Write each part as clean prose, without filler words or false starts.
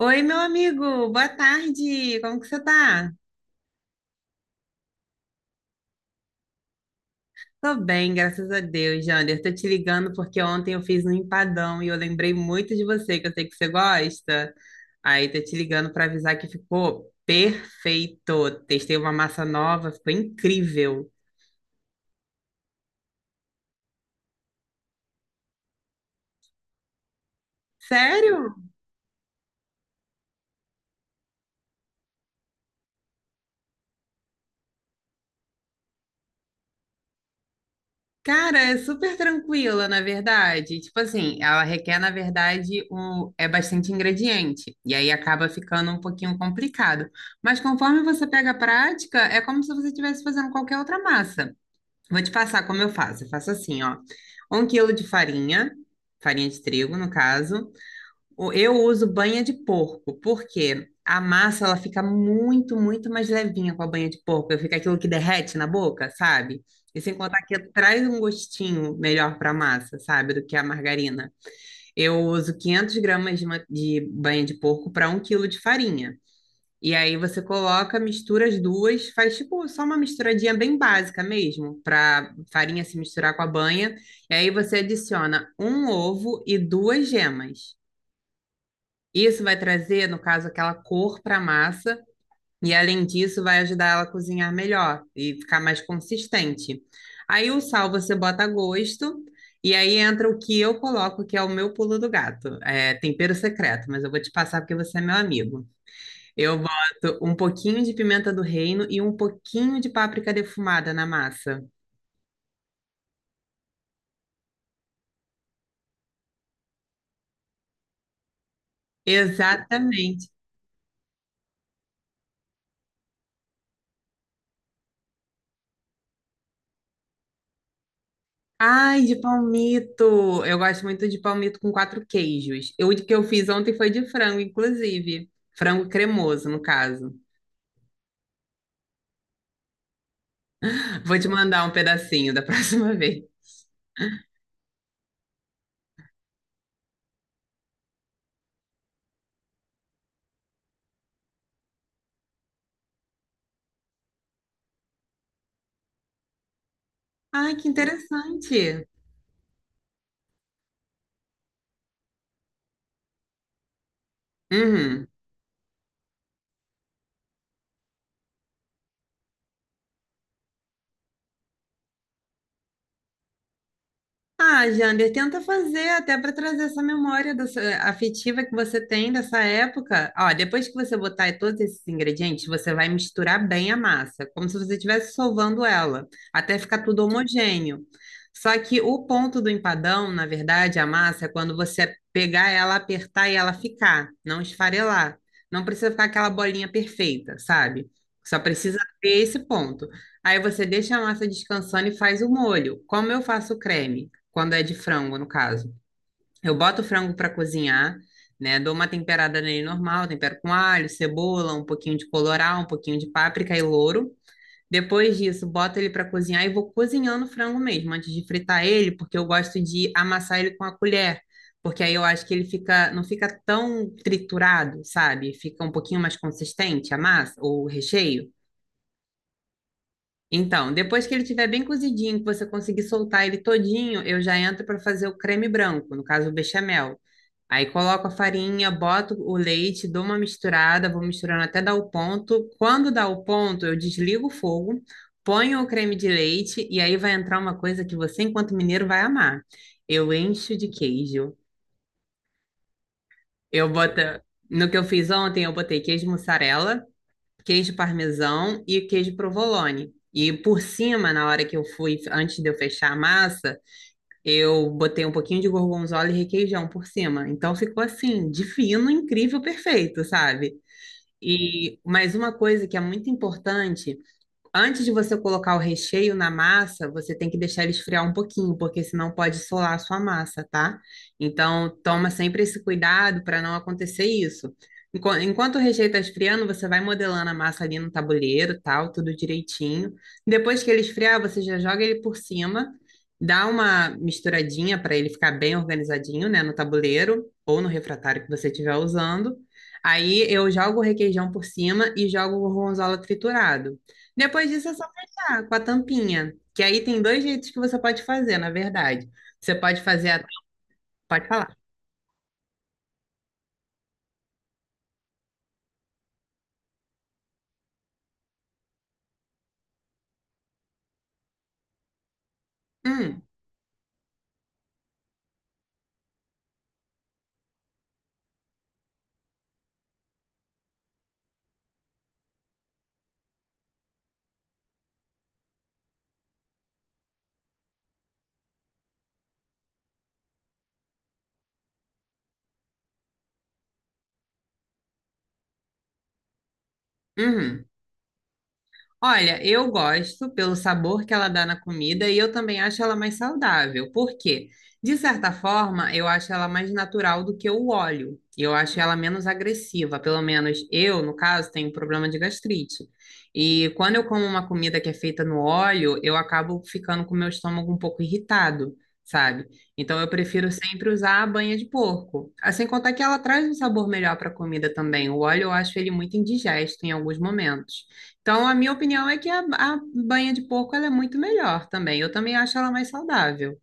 Oi, meu amigo, boa tarde. Como que você tá? Tô bem, graças a Deus, Jander. Tô te ligando porque ontem eu fiz um empadão e eu lembrei muito de você, que eu sei que você gosta. Aí tô te ligando para avisar que ficou perfeito. Testei uma massa nova, ficou incrível. Sério? Cara, é super tranquila, na verdade. Tipo assim, ela requer, na verdade, é bastante ingrediente. E aí acaba ficando um pouquinho complicado. Mas conforme você pega a prática, é como se você estivesse fazendo qualquer outra massa. Vou te passar como eu faço. Eu faço assim, ó. Um quilo de farinha, farinha de trigo, no caso. Eu uso banha de porco, porque a massa ela fica muito, muito mais levinha com a banha de porco. Fica aquilo que derrete na boca, sabe? E sem contar que traz um gostinho melhor para a massa, sabe? Do que a margarina. Eu uso 500 gramas de banha de porco para um quilo de farinha. E aí você coloca, mistura as duas, faz tipo só uma misturadinha bem básica mesmo, para farinha se misturar com a banha. E aí você adiciona um ovo e duas gemas. Isso vai trazer, no caso, aquela cor para a massa, e além disso, vai ajudar ela a cozinhar melhor e ficar mais consistente. Aí o sal você bota a gosto, e aí entra o que eu coloco, que é o meu pulo do gato. É tempero secreto, mas eu vou te passar porque você é meu amigo. Eu boto um pouquinho de pimenta do reino e um pouquinho de páprica defumada na massa. Exatamente. Ai, de palmito! Eu gosto muito de palmito com quatro queijos. Eu, o que eu fiz ontem foi de frango, inclusive. Frango cremoso, no caso. Vou te mandar um pedacinho da próxima vez. Ai, que interessante! Uhum. Ah, Jander, tenta fazer até para trazer essa memória afetiva que você tem dessa época. Ó, depois que você botar todos esses ingredientes, você vai misturar bem a massa, como se você estivesse solvando ela, até ficar tudo homogêneo. Só que o ponto do empadão, na verdade, a massa, é quando você pegar ela, apertar e ela ficar, não esfarelar. Não precisa ficar aquela bolinha perfeita, sabe? Só precisa ter esse ponto. Aí você deixa a massa descansando e faz o molho. Como eu faço o creme? Quando é de frango, no caso. Eu boto o frango para cozinhar, né? Dou uma temperada nele normal, tempero com alho, cebola, um pouquinho de colorau, um pouquinho de páprica e louro. Depois disso, boto ele para cozinhar e vou cozinhando o frango mesmo, antes de fritar ele, porque eu gosto de amassar ele com a colher, porque aí eu acho que ele fica, não fica tão triturado, sabe? Fica um pouquinho mais consistente a massa, ou o recheio. Então, depois que ele estiver bem cozidinho, que você conseguir soltar ele todinho, eu já entro para fazer o creme branco, no caso o bechamel. Aí coloco a farinha, boto o leite, dou uma misturada, vou misturando até dar o ponto. Quando dá o ponto, eu desligo o fogo, ponho o creme de leite e aí vai entrar uma coisa que você, enquanto mineiro, vai amar. Eu encho de queijo. Eu boto, no que eu fiz ontem, eu botei queijo mussarela, queijo parmesão e queijo provolone. E por cima, na hora que eu fui, antes de eu fechar a massa, eu botei um pouquinho de gorgonzola e requeijão por cima. Então ficou assim, divino, incrível, perfeito, sabe? E mais uma coisa que é muito importante: antes de você colocar o recheio na massa, você tem que deixar ele esfriar um pouquinho, porque senão pode solar a sua massa, tá? Então, toma sempre esse cuidado para não acontecer isso. Enquanto o recheio está esfriando, você vai modelando a massa ali no tabuleiro, tal, tudo direitinho. Depois que ele esfriar, você já joga ele por cima, dá uma misturadinha para ele ficar bem organizadinho, né, no tabuleiro ou no refratário que você estiver usando. Aí eu jogo o requeijão por cima e jogo o gorgonzola triturado. Depois disso é só fechar com a tampinha. Que aí tem dois jeitos que você pode fazer, na verdade. Você pode fazer a... Pode falar. Hum, uhum. Olha, eu gosto pelo sabor que ela dá na comida e eu também acho ela mais saudável. Por quê? De certa forma, eu acho ela mais natural do que o óleo. E eu acho ela menos agressiva. Pelo menos eu, no caso, tenho um problema de gastrite. E quando eu como uma comida que é feita no óleo, eu acabo ficando com o meu estômago um pouco irritado, sabe? Então eu prefiro sempre usar a banha de porco. Ah, sem contar que ela traz um sabor melhor para a comida também. O óleo eu acho ele muito indigesto em alguns momentos. Então, a minha opinião é que a banha de porco ela é muito melhor também. Eu também acho ela mais saudável.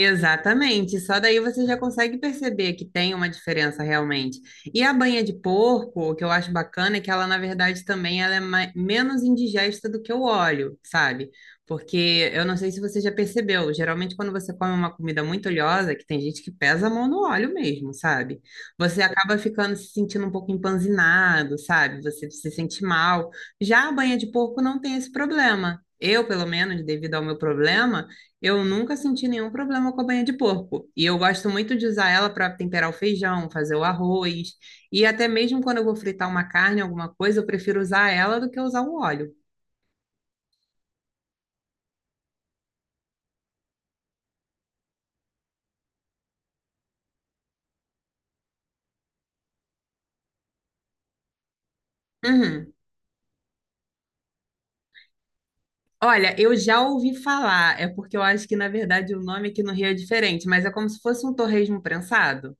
Exatamente, só daí você já consegue perceber que tem uma diferença realmente. E a banha de porco, o que eu acho bacana é que ela, na verdade, também ela é menos indigesta do que o óleo, sabe? Porque eu não sei se você já percebeu, geralmente quando você come uma comida muito oleosa, que tem gente que pesa a mão no óleo mesmo, sabe? Você acaba ficando se sentindo um pouco empanzinado, sabe? Você se sente mal. Já a banha de porco não tem esse problema. Eu, pelo menos, devido ao meu problema, eu nunca senti nenhum problema com a banha de porco. E eu gosto muito de usar ela para temperar o feijão, fazer o arroz. E até mesmo quando eu vou fritar uma carne, alguma coisa, eu prefiro usar ela do que usar o óleo. Uhum. Olha, eu já ouvi falar, é porque eu acho que na verdade o nome aqui no Rio é diferente, mas é como se fosse um torresmo prensado.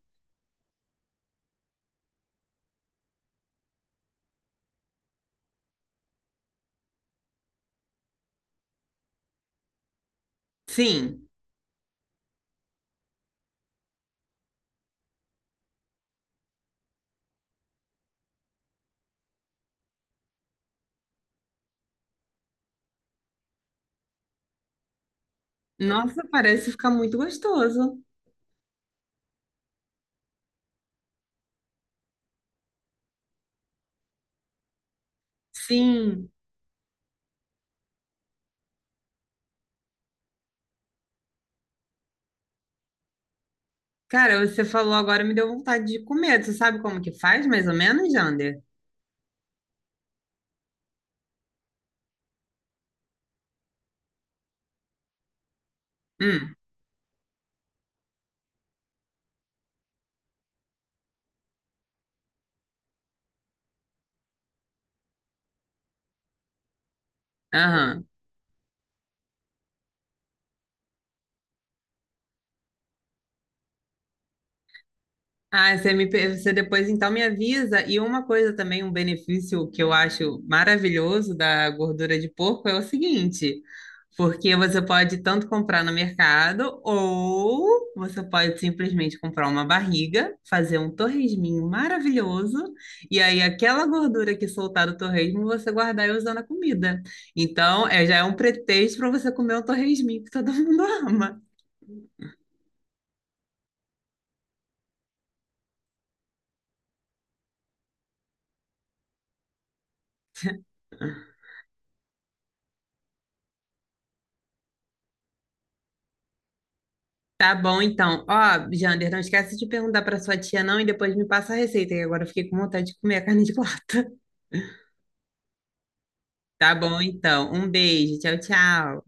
Sim. Nossa, parece ficar muito gostoso. Sim. Cara, você falou agora, me deu vontade de comer. Você sabe como que faz, mais ou menos, Jander? Hum, aham. Ah, você depois então me avisa. E uma coisa também, um benefício que eu acho maravilhoso da gordura de porco é o seguinte, porque você pode tanto comprar no mercado ou você pode simplesmente comprar uma barriga, fazer um torresminho maravilhoso e aí aquela gordura que soltar do torresmo você guardar e usar na comida. Então, é, já é um pretexto para você comer um torresminho que todo mundo ama. Tá bom, então. Ó, Jander, não esquece de perguntar pra sua tia, não, e depois me passa a receita, que agora eu fiquei com vontade de comer a carne de lata. Tá bom, então. Um beijo. Tchau, tchau.